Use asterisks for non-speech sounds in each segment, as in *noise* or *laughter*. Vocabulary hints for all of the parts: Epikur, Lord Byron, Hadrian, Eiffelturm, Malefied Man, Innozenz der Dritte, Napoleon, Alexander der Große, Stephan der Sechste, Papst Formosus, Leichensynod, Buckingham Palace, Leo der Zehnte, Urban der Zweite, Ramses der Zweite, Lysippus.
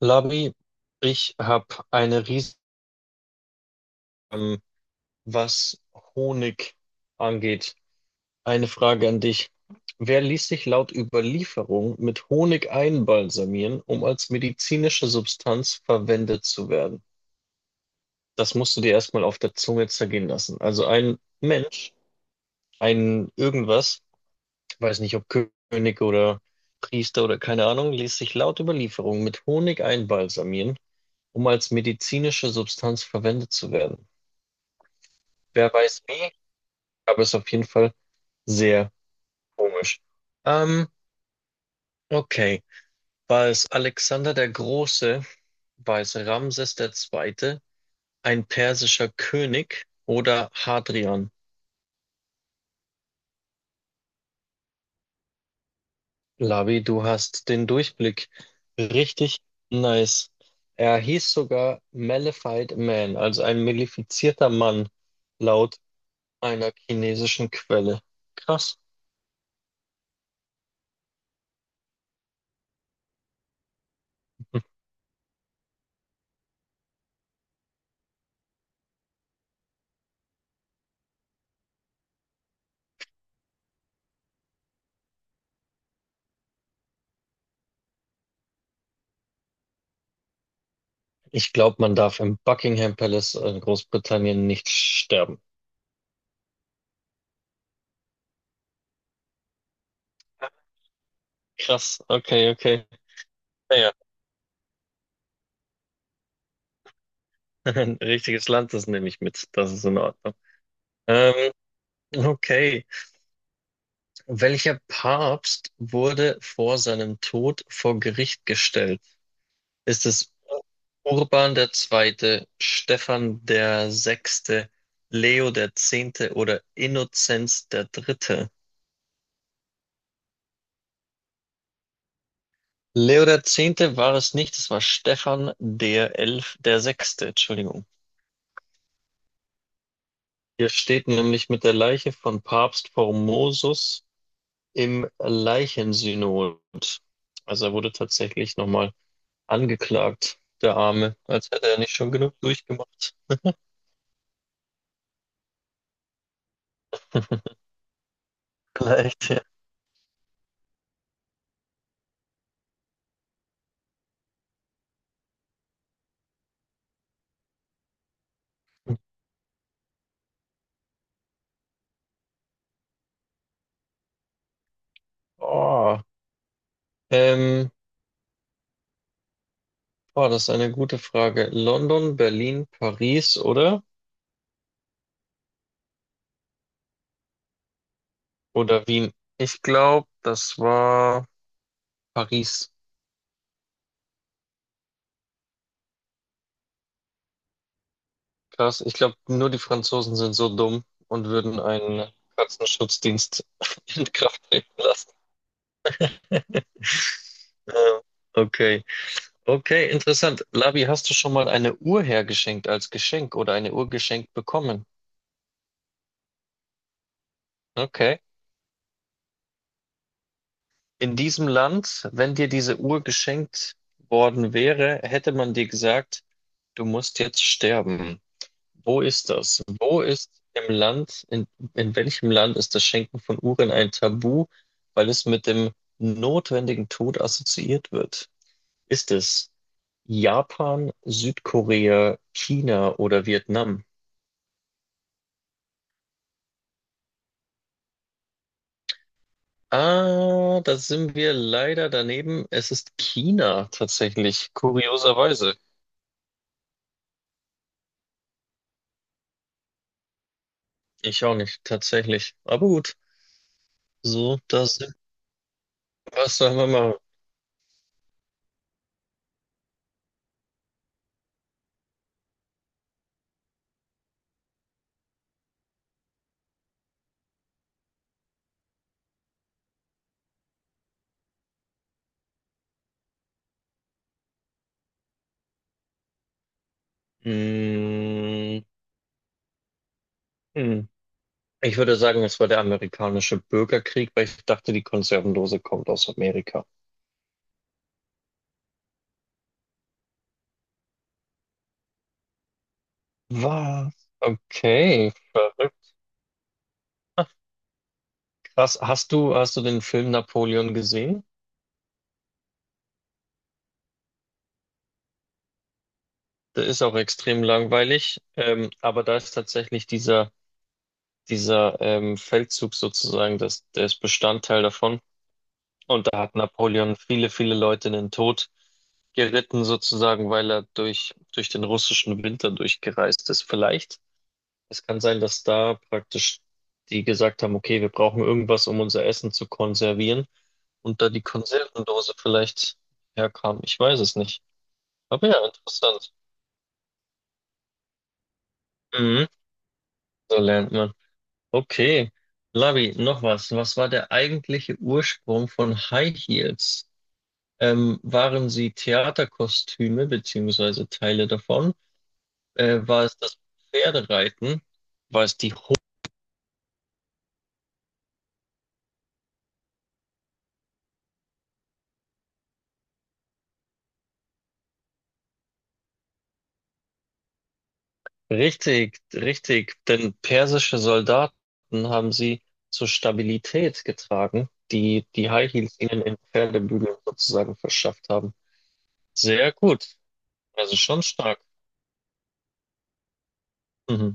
Labi, ich habe eine riesige, ähm, was Honig angeht. Eine Frage an dich. Wer ließ sich laut Überlieferung mit Honig einbalsamieren, um als medizinische Substanz verwendet zu werden? Das musst du dir erstmal auf der Zunge zergehen lassen. Also ein Mensch, ein irgendwas, weiß nicht, ob König oder Priester oder keine Ahnung, ließ sich laut Überlieferung mit Honig einbalsamieren, um als medizinische Substanz verwendet zu werden. Wer weiß wie, aber ist auf jeden Fall sehr komisch. Ähm, okay. War es Alexander der Große? War es Ramses der Zweite? Ein persischer König oder Hadrian? Lavi, du hast den Durchblick. Richtig nice. Er hieß sogar Malefied Man, also ein malefizierter Mann, laut einer chinesischen Quelle. Krass. Ich glaube, man darf im Buckingham Palace in Großbritannien nicht sterben. Krass, okay, okay. Naja, *laughs* ein richtiges Land, das nehme ich mit. Das ist in Ordnung. Ähm, okay. Welcher Papst wurde vor seinem Tod vor Gericht gestellt? Ist es Urban der Zweite, Stephan der Sechste, Leo der Zehnte oder Innozenz der Dritte? Leo der Zehnte war es nicht, es war Stephan der Elf, der Sechste, Entschuldigung. Hier steht nämlich mit der Leiche von Papst Formosus im Leichensynod. Also er wurde tatsächlich nochmal angeklagt, der Arme, als hätte er nicht schon genug durchgemacht. Vielleicht, ja. Oh, ähm, oh, das ist eine gute Frage. London, Berlin, Paris, oder? Oder Wien? Ich glaube, das war Paris. Krass. Ich glaube, nur die Franzosen sind so dumm und würden einen Katzenschutzdienst *laughs* in Kraft treten lassen. *laughs* Ähm, Okay. Okay, interessant. Labi, hast du schon mal eine Uhr hergeschenkt als Geschenk oder eine Uhr geschenkt bekommen? Okay. In diesem Land, wenn dir diese Uhr geschenkt worden wäre, hätte man dir gesagt, du musst jetzt sterben. Wo ist das? Wo ist im Land, in welchem Land ist das Schenken von Uhren ein Tabu, weil es mit dem notwendigen Tod assoziiert wird? Ist es Japan, Südkorea, China oder Vietnam? Ah, da sind wir leider daneben. Es ist China tatsächlich, kurioserweise. Ich auch nicht, tatsächlich. Aber gut, so, da sind wir. Was sollen wir machen? Hm, hm. Ich würde sagen, es war der amerikanische Bürgerkrieg, weil ich dachte, die Konservendose kommt aus Amerika. Was? Okay, verrückt. Krass. Hast du den Film Napoleon gesehen? Der ist auch extrem langweilig, aber da ist tatsächlich dieser Feldzug sozusagen, das, der ist Bestandteil davon. Und da hat Napoleon viele, viele Leute in den Tod geritten, sozusagen, weil er durch den russischen Winter durchgereist ist. Vielleicht, es kann sein, dass da praktisch die gesagt haben, okay, wir brauchen irgendwas, um unser Essen zu konservieren. Und da die Konservendose vielleicht herkam. Ich weiß es nicht. Aber ja, interessant. Mhm. So lernt man. Okay. Lavi, noch was. Was war der eigentliche Ursprung von High Heels? Waren sie Theaterkostüme beziehungsweise Teile davon? War es das Pferdereiten? War es die Ho Richtig, richtig. Denn persische Soldaten haben sie zur Stabilität getragen, die die High Heels ihnen in Pferdebügeln sozusagen verschafft haben. Sehr gut. Also schon stark. Mhm.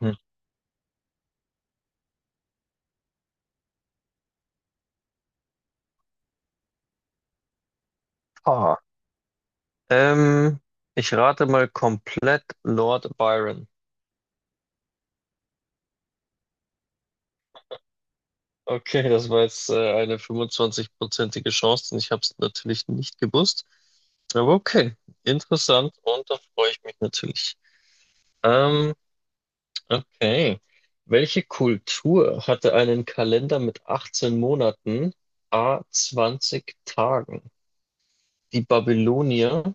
Mhm. Ah, Ähm, ich rate mal komplett Lord Byron. Okay, das war jetzt eine 25-prozentige Chance und ich habe es natürlich nicht gewusst. Aber okay, interessant und da freue ich mich natürlich. Ähm, okay. Welche Kultur hatte einen Kalender mit 18 Monaten, a 20 Tagen? Die Babylonier,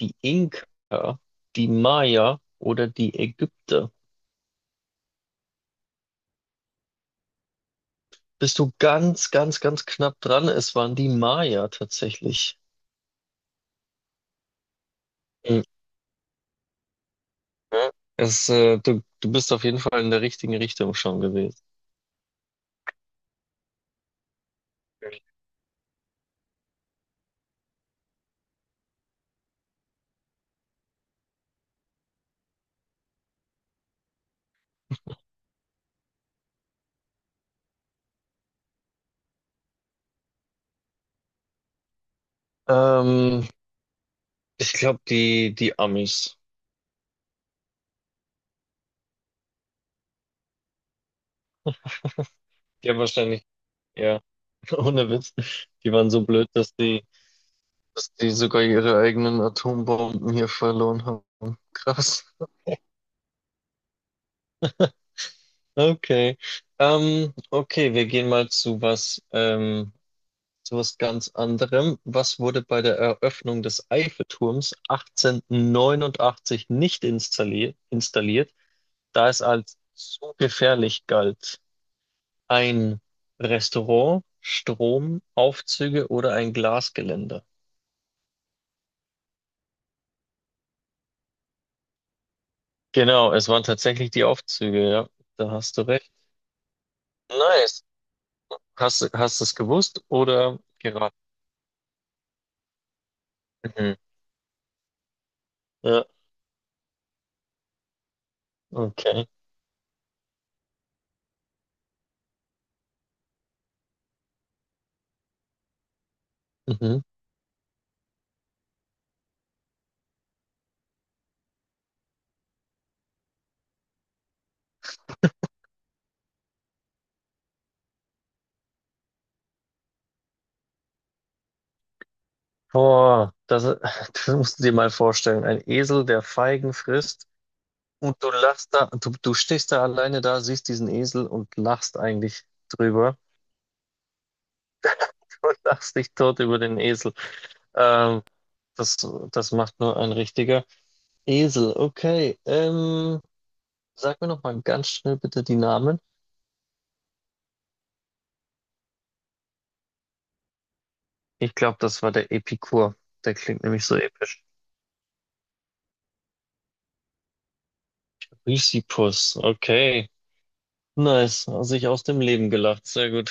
die Inka, die Maya oder die Ägypter? Bist du ganz, ganz, ganz knapp dran. Es waren die Maya tatsächlich. Mhm. Du, du bist auf jeden Fall in der richtigen Richtung schon gewesen. Ähm, ich glaube, die Amis. Ja, wahrscheinlich. Ja, *laughs* ohne Witz. Die waren so blöd, dass die sogar ihre eigenen Atombomben hier verloren haben. *laughs* Krass. Okay. Okay, wir gehen mal zu was. Zu was ganz anderem. Was wurde bei der Eröffnung des Eiffelturms 1889 nicht installiert, installiert, da es als zu gefährlich galt? Ein Restaurant, Strom, Aufzüge oder ein Glasgeländer? Genau, es waren tatsächlich die Aufzüge, ja. Da hast du recht. Nice. Hast du es gewusst oder geraten? Mhm. Ja, okay. Mhm. Boah, das, *laughs* das musst du dir mal vorstellen. Ein Esel, der Feigen frisst. Und du lachst da, du stehst da alleine da, siehst diesen Esel und lachst eigentlich drüber. *laughs* Du lachst dich tot über den Esel. Ähm, das, das macht nur ein richtiger Esel. Okay, sag mir noch mal ganz schnell bitte die Namen. Ich glaube, das war der Epikur. Der klingt nämlich so episch. Lysippus, okay. Nice, sich aus dem Leben gelacht. Sehr gut.